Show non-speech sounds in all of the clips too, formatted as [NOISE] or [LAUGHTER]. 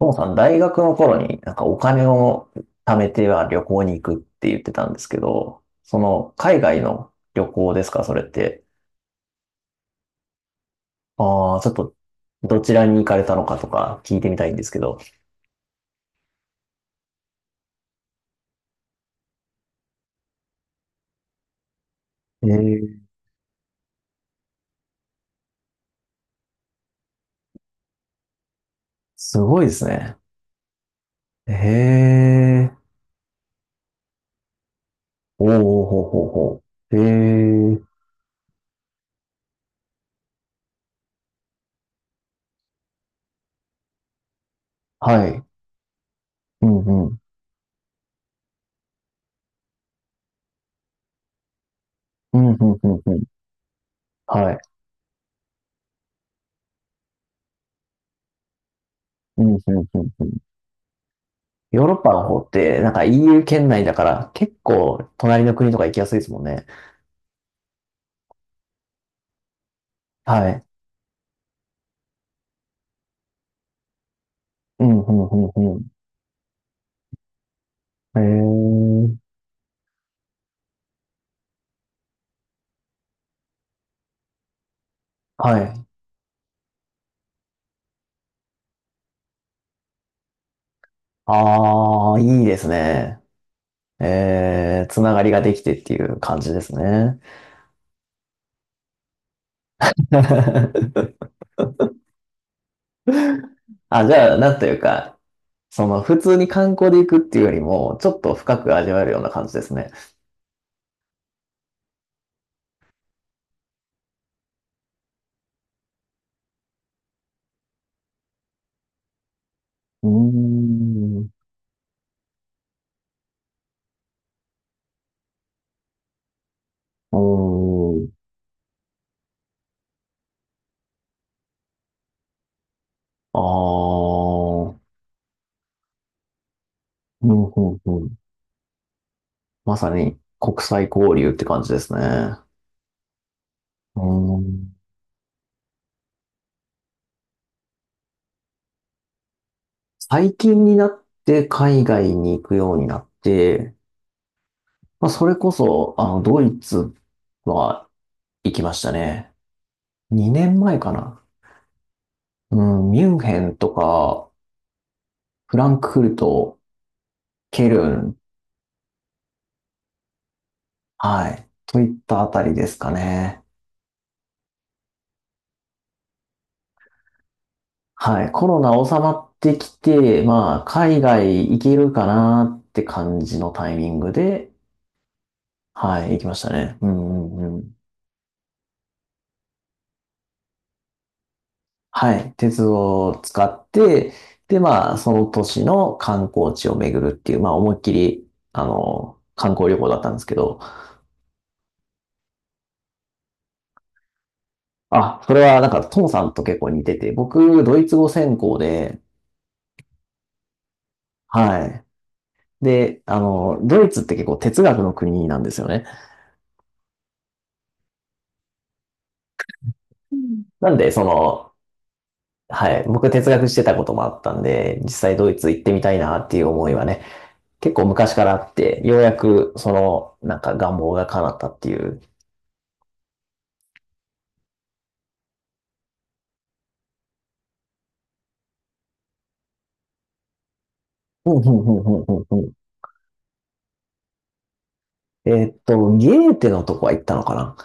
ともさん、大学の頃になんかお金を貯めては旅行に行くって言ってたんですけど、その海外の旅行ですか、それって。ああ、ちょっとどちらに行かれたのかとか聞いてみたいんですけど。ええ、すごいですね。へえ、おおほうほうほう。へえ、はい。うんうん。うんうんうんうん。はい。うんうんうんうん。ヨーロッパの方って、なんか EU 圏内だから、結構隣の国とか行きやすいですもんね。はい。うん、うん、うん、うん。へえ。はい。ああ、いいですね。ええ、つながりができてっていう感じですね。[LAUGHS] あ、じゃあ、なんというか、普通に観光で行くっていうよりも、ちょっと深く味わえるような感じですね。うーん。おー。ああ。うん、うん、うん。まさに国際交流って感じですね。うーん。最近になって海外に行くようになって、まあ、それこそ、ドイツは行きましたね。2年前かな。うん、ミュンヘンとか、フランクフルト、ケルン、はい、といったあたりですかね。はい、コロナ収まってきて、まあ、海外行けるかなって感じのタイミングで、はい、行きましたね。うんうんうん。はい、鉄道を使って、で、まあ、その都市の観光地を巡るっていう、まあ、思いっきり、観光旅行だったんですけど、あ、それはなんか、トモさんと結構似てて、僕、ドイツ語専攻で、はい。で、ドイツって結構哲学の国なんですよね。なんで、はい、僕哲学してたこともあったんで、実際ドイツ行ってみたいなっていう思いはね、結構昔からあって、ようやく、なんか願望が叶ったっていう。うんうんうんうんうんうんゲーテのとこは行ったのかな？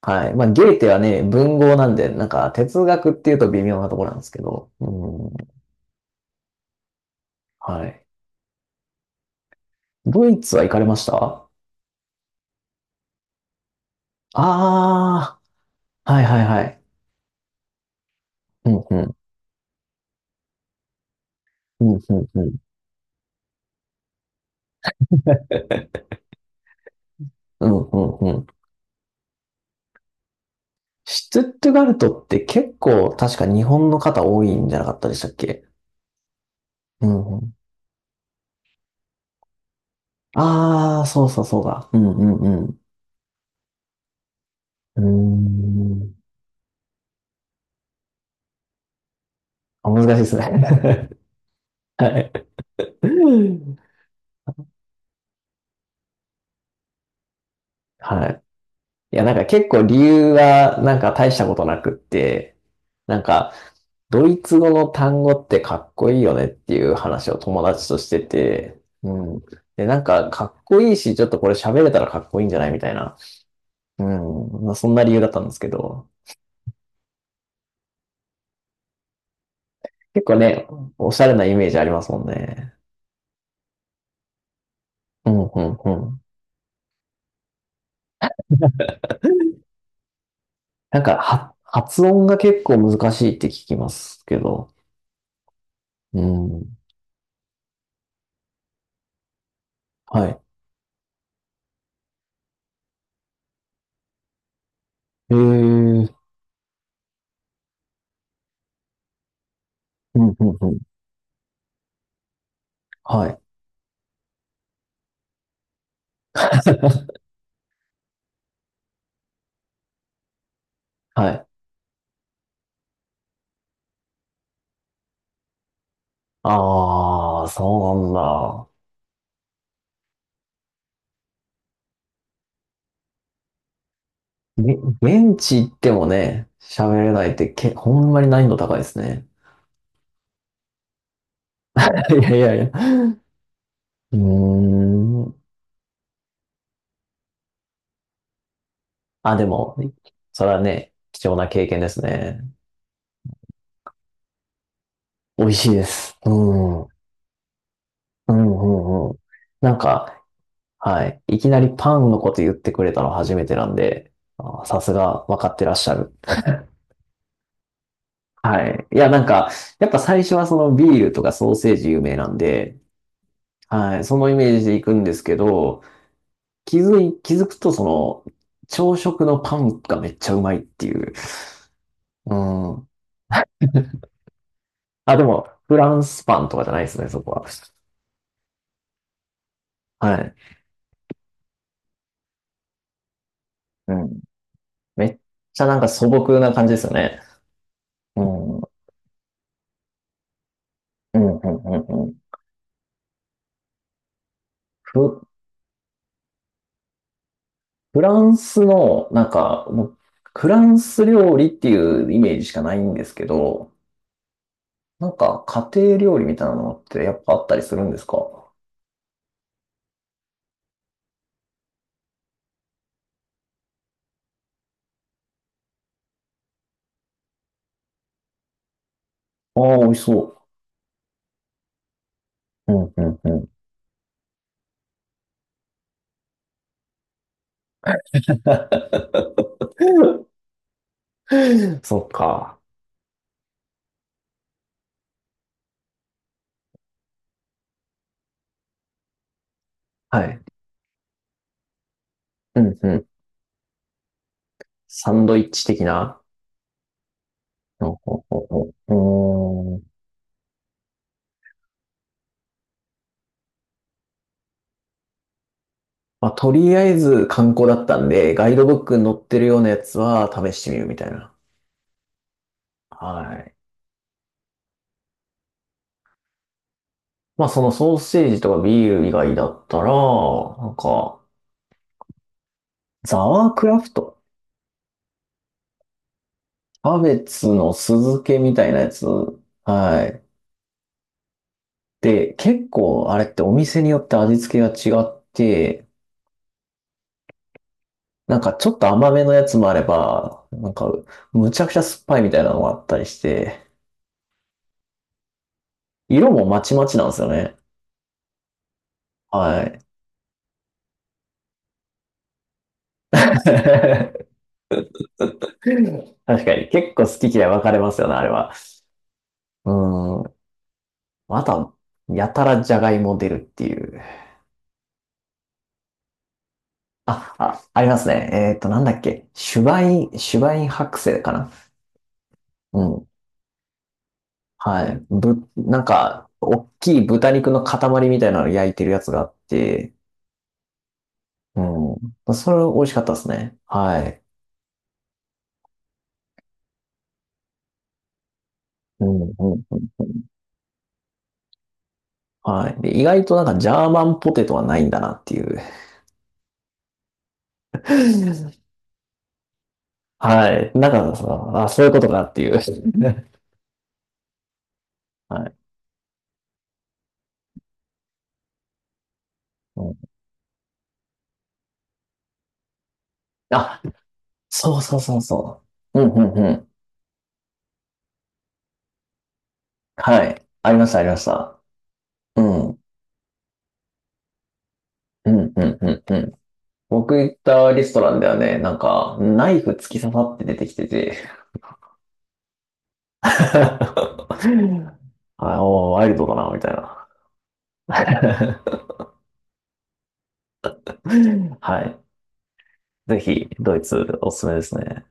はい。まあ、ゲーテはね、文豪なんで、なんか哲学っていうと微妙なところなんですけど。うん。はい。ドイツは行かれました？ああー、はいはいはい。うんうん。うんうんうん。うんうんうん。シュトゥットガルトって結構確か日本の方多いんじゃなかったでしたっけ？うんうん。ああ、そうそうそうだ。うんうんうん。うーん。あ、難しいですね。[LAUGHS] はい。はい。いや、なんか結構理由はなんか大したことなくって、なんかドイツ語の単語ってかっこいいよねっていう話を友達としてて、うん。で、なんかかっこいいし、ちょっとこれ喋れたらかっこいいんじゃないみたいな。うん。まあ、そんな理由だったんですけど、結構ね、おしゃれなイメージありますもんね。うん、うん、うん。なんかは発音が結構難しいって聞きますけど、うん。はい。へえ、うん、うん、うん。はい。[LAUGHS] はい。ああ、そうなんだ。げ、現地行ってもね、喋れないってけ、ほんまに難易度高いですね。[LAUGHS] いやいやいや。うーん。あ、でも、それはね、貴重な経験ですね。美味しいです。うん。うん、うん、うん。なんか、はい。いきなりパンのこと言ってくれたの初めてなんで、あー、さすが分かってらっしゃる。はい。いや、なんか、やっぱ最初はそのビールとかソーセージ有名なんで、はい。そのイメージで行くんですけど、気づくと朝食のパンがめっちゃうまいっていう。うん。[LAUGHS] あ、でも、フランスパンとかじゃないですね、そこは。はい。うん。めっちゃなんか素朴な感じですよね。うん。うん、うん、うん、うん。フ、フランスの、なんか、もうフランス料理っていうイメージしかないんですけど、なんか家庭料理みたいなのってやっぱあったりするんですか？ああ、美味しそう。うん、うん、うん。[LAUGHS] [LAUGHS] そっか。はい。うんうん。サンドイッチ的な。ほうほうほうほう、うーん、まあ、とりあえず観光だったんで、ガイドブックに載ってるようなやつは試してみるみたいな。はい。まあ、そのソーセージとかビール以外だったら、なんか、ザワークラフト。キャベツの酢漬けみたいなやつ。はい。で、結構あれってお店によって味付けが違って、なんかちょっと甘めのやつもあれば、なんかむちゃくちゃ酸っぱいみたいなのがあったりして、色もまちまちなんですよね。はい。[LAUGHS] 確かに。結構好き嫌い分かれますよね、あれは。うーん。あとは、やたらじゃがいも出るっていう。あ、ありますね。なんだっけ。シュバイン白製かな。うん。はい。なんか、大きい豚肉の塊みたいなの焼いてるやつがあって、うん。それ美味しかったですね。はい。うんうん。はい。で、意外となんかジャーマンポテトはないんだなっていう。 [LAUGHS] はい。だからさ、あ、そういうことかっていう。[LAUGHS] はい。うん、あ、そうそうそうそう。うんうんうん。はい。ありました、ありました。うん。うんうんうんうん。僕行ったレストランではね、なんか、ナイフ突き刺さって出てきてて。[LAUGHS] あおー、ワイルドだな、みたいな。[LAUGHS] はい。ぜひ、ドイツおすすめですね。